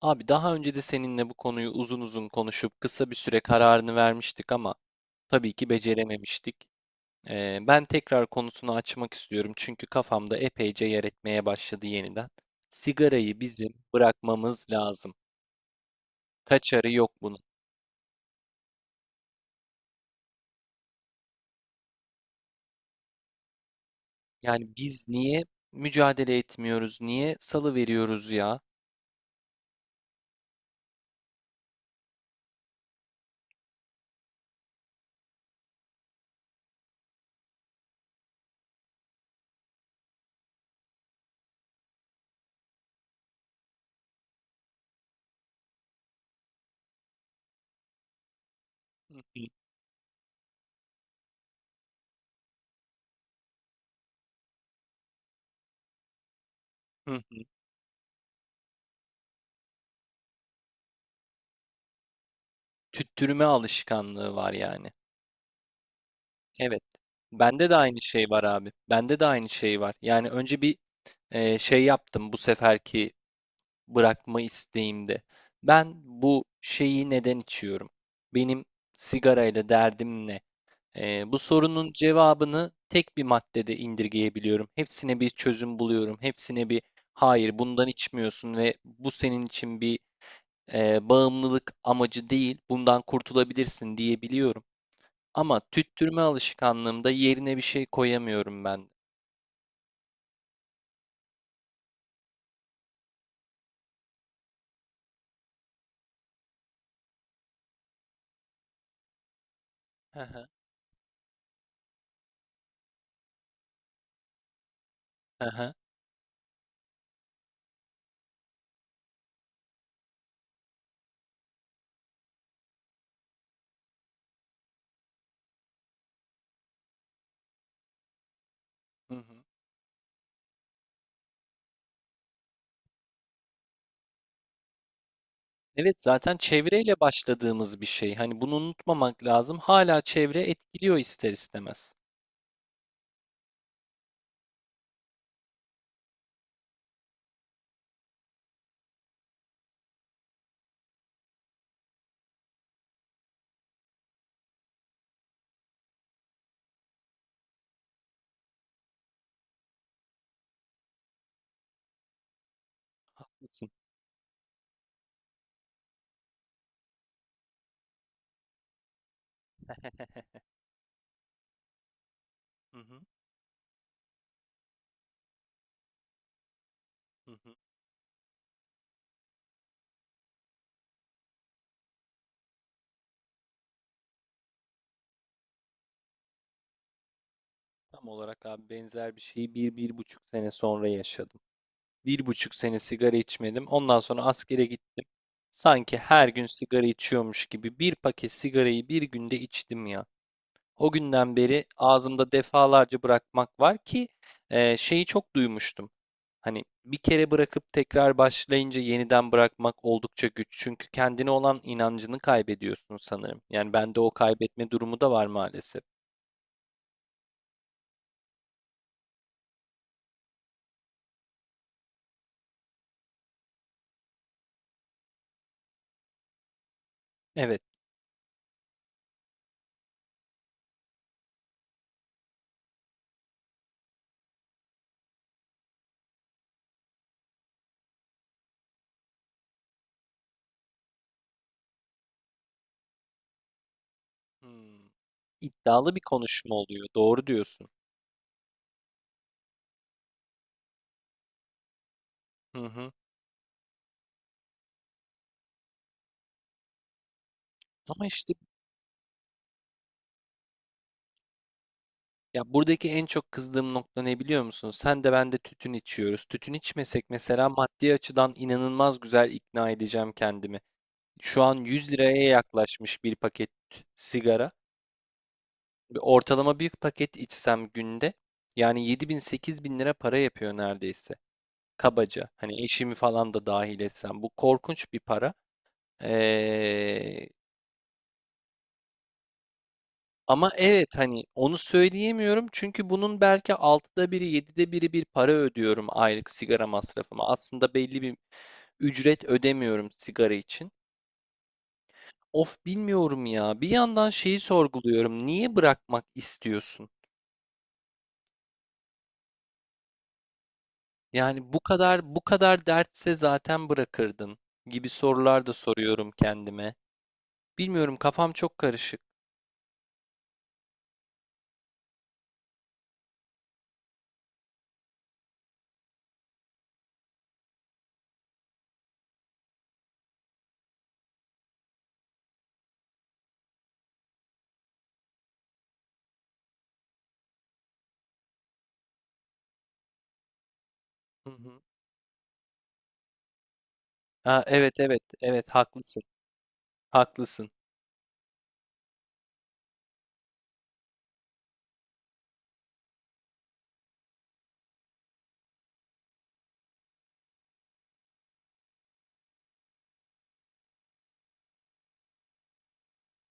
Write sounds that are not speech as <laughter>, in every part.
Abi daha önce de seninle bu konuyu uzun uzun konuşup kısa bir süre kararını vermiştik ama tabii ki becerememiştik. Ben tekrar konusunu açmak istiyorum çünkü kafamda epeyce yer etmeye başladı yeniden. Sigarayı bizim bırakmamız lazım. Kaçarı yok bunun. Yani biz niye mücadele etmiyoruz, niye salı veriyoruz ya? Hı hı, hı hı. Tüttürme alışkanlığı var yani. Evet. Bende de aynı şey var abi. Bende de aynı şey var. Yani önce bir, şey yaptım bu seferki bırakma isteğimde. Ben bu şeyi neden içiyorum? Benim sigarayla derdim ne? Bu sorunun cevabını tek bir maddede indirgeyebiliyorum. Hepsine bir çözüm buluyorum. Hepsine bir hayır, bundan içmiyorsun ve bu senin için bir bağımlılık amacı değil. Bundan kurtulabilirsin diyebiliyorum. Ama tüttürme alışkanlığımda yerine bir şey koyamıyorum ben. Hı hı, hı hı, hı hı. Evet, zaten çevreyle başladığımız bir şey. Hani bunu unutmamak lazım. Hala çevre etkiliyor ister istemez. Haklısın. <laughs> Hı hı, hı hı. Tam olarak abi benzer bir şeyi bir, bir buçuk sene sonra yaşadım. Bir buçuk sene sigara içmedim. Ondan sonra askere gittim. Sanki her gün sigara içiyormuş gibi bir paket sigarayı bir günde içtim ya. O günden beri ağzımda defalarca bırakmak var ki şeyi çok duymuştum. Hani bir kere bırakıp tekrar başlayınca yeniden bırakmak oldukça güç. Çünkü kendine olan inancını kaybediyorsun sanırım. Yani bende o kaybetme durumu da var maalesef. Evet. Hmm. İddialı bir konuşma oluyor. Doğru diyorsun. Hı hı. Ama işte ya, buradaki en çok kızdığım nokta ne biliyor musun? Sen de ben de tütün içiyoruz. Tütün içmesek mesela maddi açıdan inanılmaz güzel ikna edeceğim kendimi. Şu an 100 liraya yaklaşmış bir paket sigara. Ortalama bir paket içsem günde, yani 7000 bin lira para yapıyor neredeyse. Kabaca. Hani eşimi falan da dahil etsem. Bu korkunç bir para. Ee, ama evet, hani onu söyleyemiyorum çünkü bunun belki altıda biri, 7'de biri bir para ödüyorum aylık sigara masrafıma. Aslında belli bir ücret ödemiyorum sigara için. Of, bilmiyorum ya. Bir yandan şeyi sorguluyorum. Niye bırakmak istiyorsun? Yani bu kadar bu kadar dertse zaten bırakırdın gibi sorular da soruyorum kendime. Bilmiyorum, kafam çok karışık. Hı hı. Ha, evet, evet, evet, haklısın haklısın.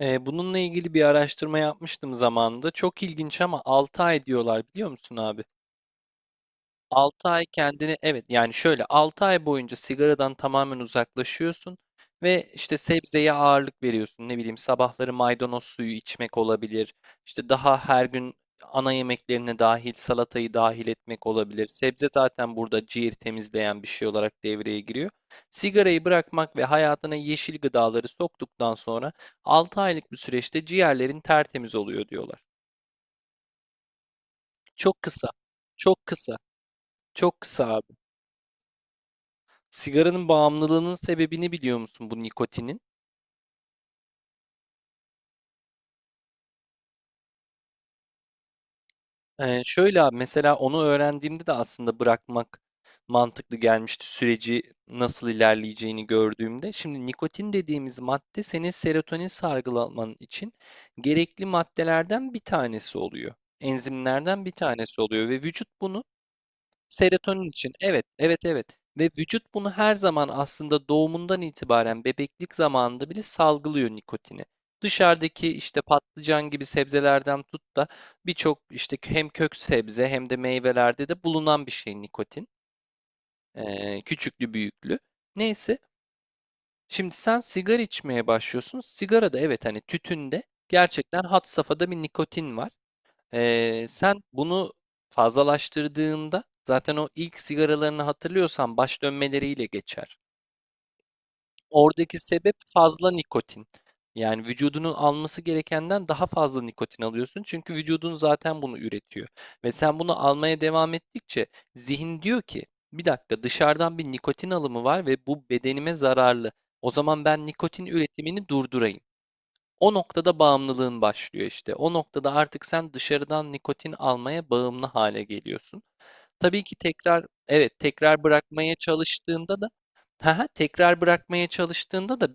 Bununla ilgili bir araştırma yapmıştım zamanında. Çok ilginç ama 6 ay diyorlar, biliyor musun abi? 6 ay kendini, evet, yani şöyle, 6 ay boyunca sigaradan tamamen uzaklaşıyorsun ve işte sebzeye ağırlık veriyorsun. Ne bileyim, sabahları maydanoz suyu içmek olabilir. İşte daha her gün ana yemeklerine dahil salatayı dahil etmek olabilir. Sebze zaten burada ciğer temizleyen bir şey olarak devreye giriyor. Sigarayı bırakmak ve hayatına yeşil gıdaları soktuktan sonra 6 aylık bir süreçte ciğerlerin tertemiz oluyor diyorlar. Çok kısa. Çok kısa. Çok kısa. Sigaranın bağımlılığının sebebini biliyor musun, bu nikotinin? Şöyle abi, mesela onu öğrendiğimde de aslında bırakmak mantıklı gelmişti, süreci nasıl ilerleyeceğini gördüğümde. Şimdi nikotin dediğimiz madde senin serotonin salgılaman için gerekli maddelerden bir tanesi oluyor. Enzimlerden bir tanesi oluyor ve vücut bunu. Serotonin için. Evet, evet, evet. Ve vücut bunu her zaman, aslında doğumundan itibaren bebeklik zamanında bile salgılıyor nikotini. Dışarıdaki işte patlıcan gibi sebzelerden tut da birçok işte hem kök sebze hem de meyvelerde de bulunan bir şey nikotin. Küçüklü büyüklü. Neyse. Şimdi sen sigara içmeye başlıyorsun. Sigarada, evet, hani tütünde gerçekten had safhada bir nikotin var. Sen bunu fazlalaştırdığında zaten o ilk sigaralarını hatırlıyorsan baş dönmeleriyle geçer. Oradaki sebep fazla nikotin. Yani vücudunun alması gerekenden daha fazla nikotin alıyorsun. Çünkü vücudun zaten bunu üretiyor. Ve sen bunu almaya devam ettikçe zihin diyor ki bir dakika, dışarıdan bir nikotin alımı var ve bu bedenime zararlı. O zaman ben nikotin üretimini durdurayım. O noktada bağımlılığın başlıyor işte. O noktada artık sen dışarıdan nikotin almaya bağımlı hale geliyorsun. Tabii ki tekrar, evet, tekrar bırakmaya çalıştığında da <laughs> tekrar bırakmaya çalıştığında da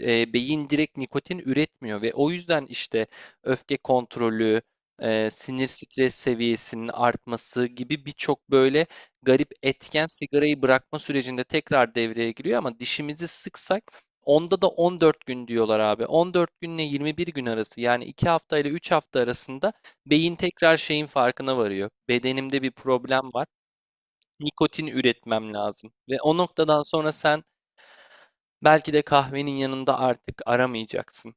beyin direkt nikotin üretmiyor ve o yüzden işte öfke kontrolü, e, sinir stres seviyesinin artması gibi birçok böyle garip etken sigarayı bırakma sürecinde tekrar devreye giriyor ama dişimizi sıksak onda da 14 gün diyorlar abi. 14 günle 21 gün arası, yani 2 hafta ile 3 hafta arasında beyin tekrar şeyin farkına varıyor. Bedenimde bir problem var. Nikotin üretmem lazım. Ve o noktadan sonra sen belki de kahvenin yanında artık aramayacaksın.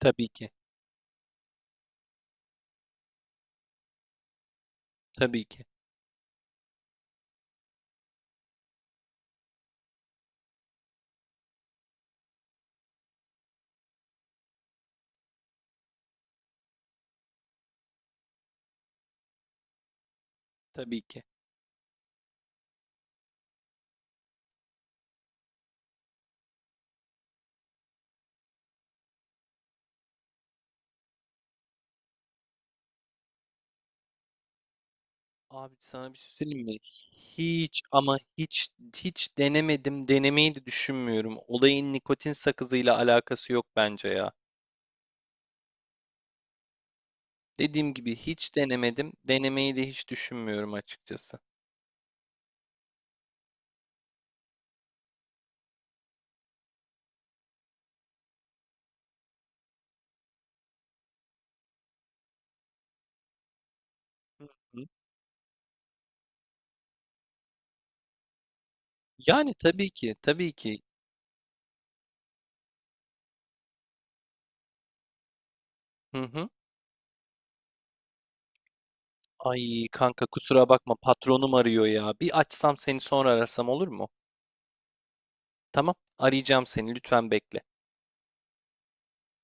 Tabii ki. Tabii ki. Tabii ki. Abi, sana bir şey söyleyeyim mi? Hiç ama hiç, hiç denemedim. Denemeyi de düşünmüyorum. Olayın nikotin sakızıyla alakası yok bence ya. Dediğim gibi hiç denemedim. Denemeyi de hiç düşünmüyorum açıkçası. Hı? Yani tabii ki. Tabii ki. Hı hı. Ay kanka, kusura bakma, patronum arıyor ya. Bir açsam seni, sonra arasam, olur mu? Tamam. Arayacağım seni. Lütfen bekle.